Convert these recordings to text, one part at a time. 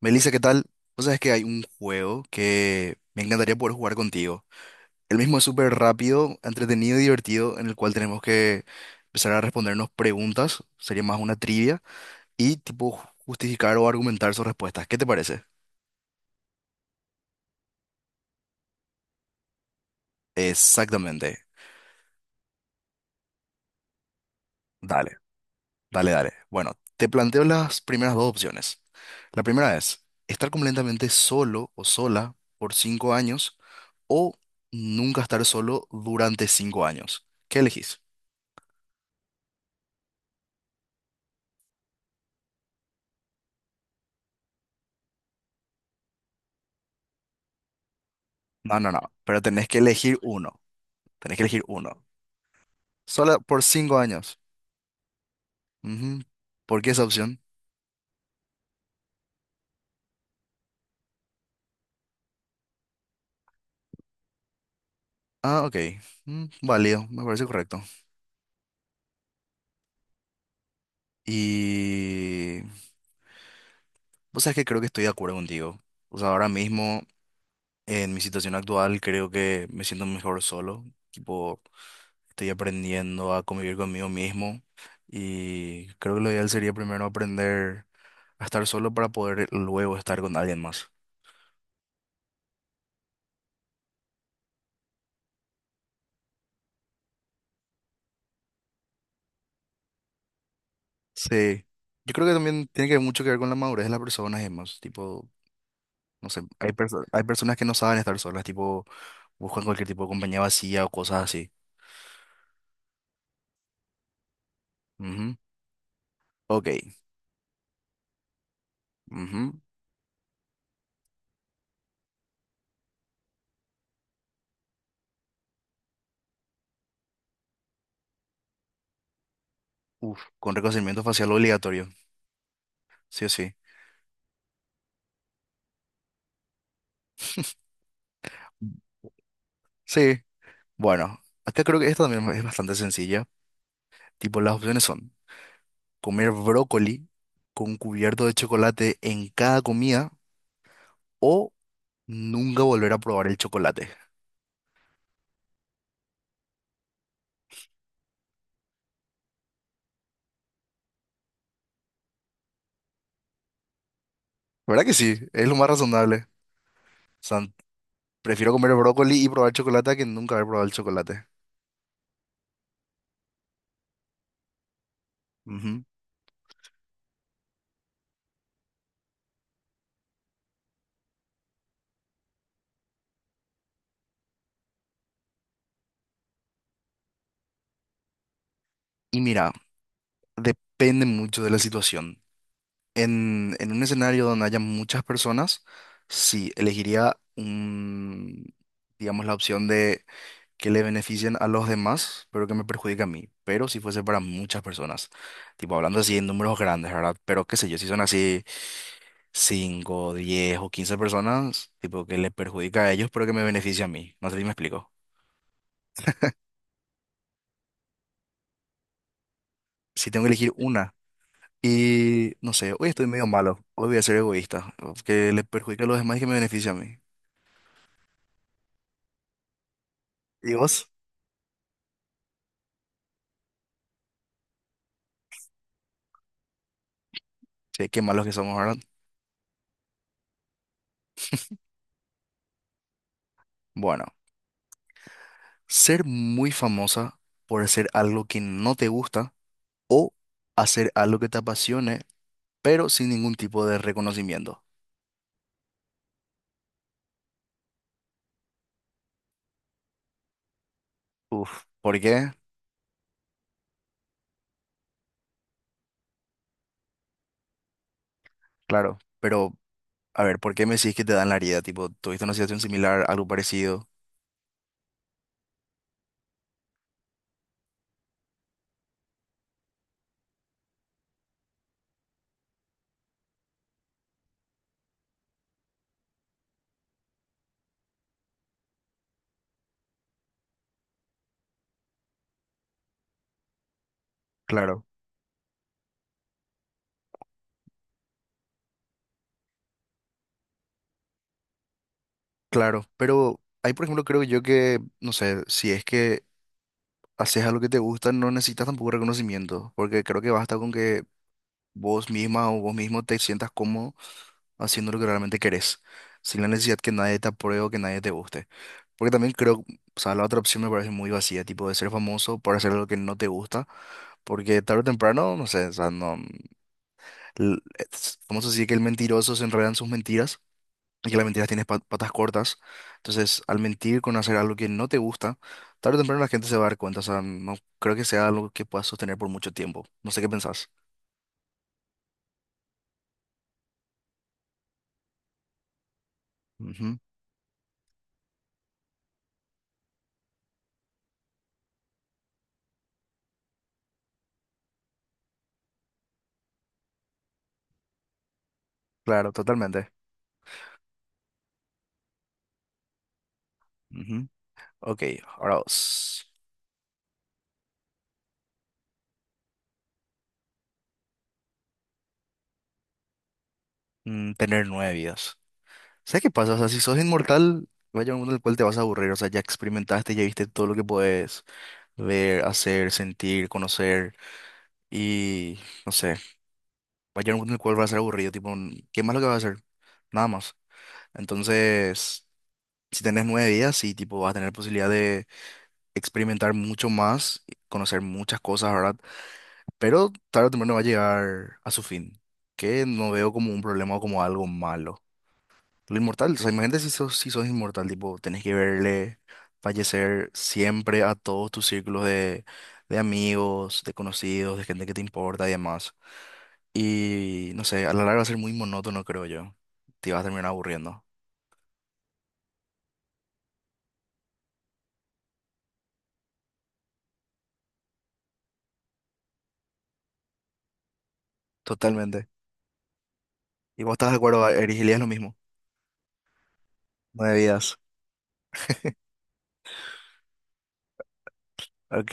Melissa, ¿qué tal? Vos sabés que hay un juego que me encantaría poder jugar contigo. El mismo es súper rápido, entretenido y divertido, en el cual tenemos que empezar a respondernos preguntas, sería más una trivia, y tipo justificar o argumentar sus respuestas. ¿Qué te parece? Exactamente. Dale, dale, dale. Bueno, te planteo las primeras dos opciones. La primera es estar completamente solo o sola por 5 años o nunca estar solo durante 5 años. ¿Qué elegís? No, no, no. Pero tenés que elegir uno. Tenés que elegir uno. Solo por 5 años. Ujú. ¿Por qué esa opción? Ah, ok. Mm, válido, me parece correcto. Y... O sea, que creo que estoy de acuerdo contigo. O sea, ahora mismo, en mi situación actual, creo que me siento mejor solo. Tipo, estoy aprendiendo a convivir conmigo mismo. Y creo que lo ideal sería primero aprender a estar solo para poder luego estar con alguien más. Sí. Yo creo que también tiene que ver mucho que ver con la madurez de las personas, además. Tipo, no sé, hay personas que no saben estar solas, tipo, buscan cualquier tipo de compañía vacía o cosas así. Ujú. Ok. Ujú. Uf, con reconocimiento facial obligatorio. Sí o sí. Sí. Bueno, acá creo que esta también es bastante sencilla. Tipo, las opciones son comer brócoli con cubierto de chocolate en cada comida o nunca volver a probar el chocolate. ¿Verdad que sí? Es lo más razonable. Prefiero comer brócoli y probar chocolate que nunca haber probado el chocolate. Ujú. Y mira, depende mucho de la situación. En un escenario donde haya muchas personas, sí, elegiría un, digamos, la opción de que le beneficien a los demás, pero que me perjudique a mí. Pero si fuese para muchas personas, tipo hablando así en números grandes, ¿verdad? Pero qué sé yo, si son así 5, 10 o 15 personas, tipo que le perjudica a ellos, pero que me beneficie a mí. No sé si me explico. Si tengo que elegir una, y no sé, hoy estoy medio malo, hoy voy a ser egoísta, que le perjudica a los demás y que me beneficia a mí. ¿Y vos? Sí, qué malos que somos, ¿verdad? Bueno, ser muy famosa por hacer algo que no te gusta o hacer algo que te apasione, pero sin ningún tipo de reconocimiento. Uf, ¿por qué? Claro, pero a ver, ¿por qué me decís que te dan la herida? Tipo, ¿tuviste una situación similar, algo parecido? Claro, claro, pero ahí por ejemplo creo yo que, no sé, si es que haces algo que te gusta, no necesitas tampoco reconocimiento, porque creo que basta con que vos misma o vos mismo te sientas cómodo haciendo lo que realmente querés, sin la necesidad que nadie te apruebe o que nadie te guste. Porque también creo, o sea, la otra opción me parece muy vacía, tipo de ser famoso por hacer algo que no te gusta, porque tarde o temprano, no sé, o sea, no, l- ¿cómo se dice que el mentiroso se enreda en sus mentiras? Y la mentira tiene patas cortas. Entonces, al mentir con hacer algo que no te gusta, tarde o temprano la gente se va a dar cuenta. O sea, no creo que sea algo que puedas sostener por mucho tiempo. No sé qué pensás. Ujú, claro, totalmente. Ujú. Ok, ahora vos. Mm, tener 9 vidas. ¿Sabes qué pasa? O sea, si sos inmortal, va a llegar un mundo en el cual te vas a aburrir. O sea, ya experimentaste, ya viste todo lo que puedes ver, hacer, sentir, conocer. Y no sé, va a llegar un mundo en el cual va a ser aburrido. Tipo, ¿qué más lo que vas a hacer? Nada más. Entonces, si tenés 9 vidas, sí, tipo, vas a tener posibilidad de experimentar mucho más, conocer muchas cosas, ¿verdad? Pero tarde o temprano va a llegar a su fin, que no veo como un problema o como algo malo. Lo inmortal, o sea, imagínate si sos, si sos inmortal, tipo, tenés que verle fallecer siempre a todos tus círculos de amigos, de conocidos, de gente que te importa y demás. Y no sé, a la larga va a ser muy monótono, creo yo. Te vas a terminar aburriendo. Totalmente. Y vos estás de acuerdo, Eris, Elías, lo mismo. 9 vidas. Ok.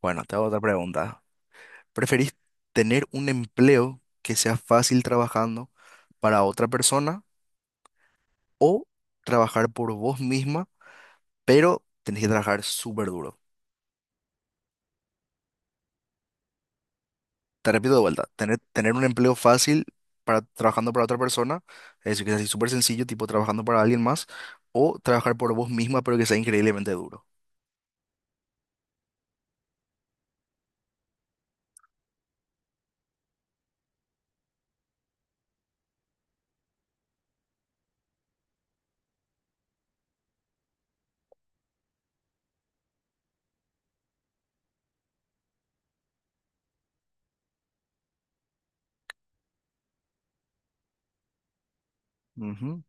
Bueno, te hago otra pregunta. ¿Preferís tener un empleo que sea fácil trabajando para otra persona o trabajar por vos misma, pero tenés que trabajar súper duro? Te repito de vuelta, tener un empleo fácil para trabajando para otra persona, es decir, que sea así súper sencillo, tipo trabajando para alguien más, o trabajar por vos misma, pero que sea increíblemente duro. Ujú.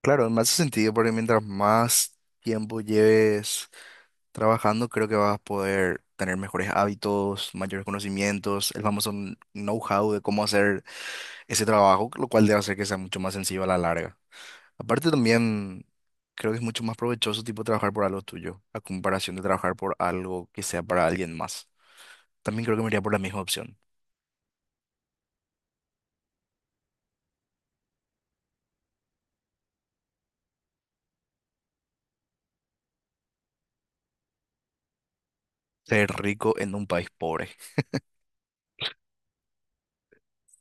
Claro, me hace sentido porque mientras más tiempo lleves trabajando, creo que vas a poder tener mejores hábitos, mayores conocimientos, el famoso know-how de cómo hacer ese trabajo, lo cual debe hacer que sea mucho más sencillo a la larga. Aparte también creo que es mucho más provechoso tipo trabajar por algo tuyo, a comparación de trabajar por algo que sea para alguien más. También creo que me iría por la misma opción, ser rico en un país pobre.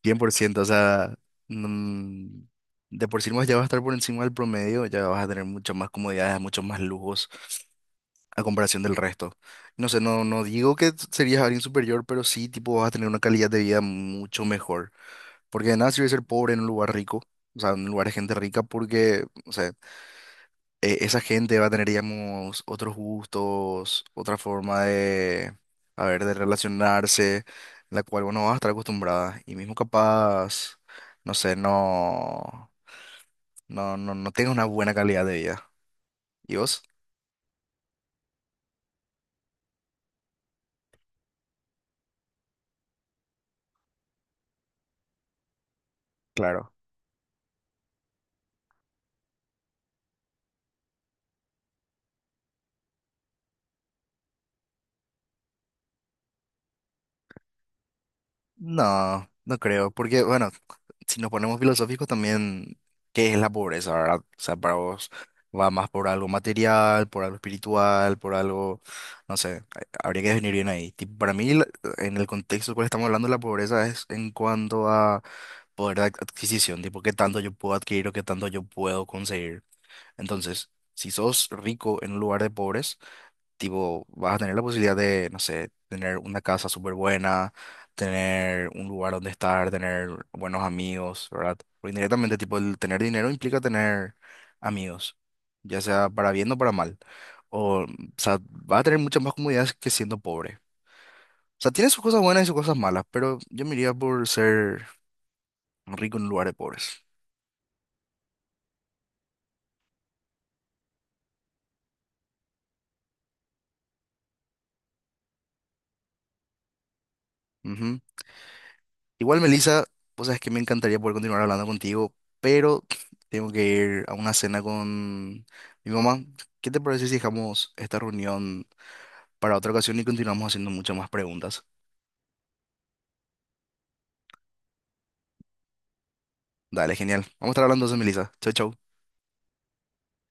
100 por ciento. O sea, mm, de por sí más ya vas a estar por encima del promedio, ya vas a tener muchas más comodidades, muchos más lujos a comparación del resto. No sé, no, no digo que serías alguien superior, pero sí tipo vas a tener una calidad de vida mucho mejor. Porque de nada sirve ser pobre en un lugar rico, o sea, en un lugar de gente rica, porque... O sea, esa gente va a tener, digamos, otros gustos, otra forma de, a ver, de relacionarse, la cual uno va a estar acostumbrada. Y mismo capaz, no sé, no, no tenga una buena calidad de vida. ¿Y vos? No, no creo, porque bueno, si nos ponemos filosóficos también, ¿qué es la pobreza, verdad? O sea, para vos va más por algo material, por algo espiritual, por algo, no sé, habría que definir bien ahí. Tipo, para mí, en el contexto en el cual estamos hablando, la pobreza es en cuanto a poder de adquisición, tipo, qué tanto yo puedo adquirir o qué tanto yo puedo conseguir. Entonces, si sos rico en un lugar de pobres, tipo, vas a tener la posibilidad de, no sé, tener una casa súper buena, tener un lugar donde estar, tener buenos amigos, ¿verdad? Porque indirectamente, tipo, el tener dinero implica tener amigos, ya sea para bien o para mal. O sea, vas a tener muchas más comodidades que siendo pobre. O sea, tiene sus cosas buenas y sus cosas malas, pero yo me iría por ser rico en un lugar de pobres. Ujú. Igual, Melissa, vos sabes que me encantaría poder continuar hablando contigo, pero tengo que ir a una cena con mi mamá. ¿Qué te parece si dejamos esta reunión para otra ocasión y continuamos haciendo muchas más preguntas? Dale, genial. Vamos a estar hablando entonces, Melissa. Chau, chau.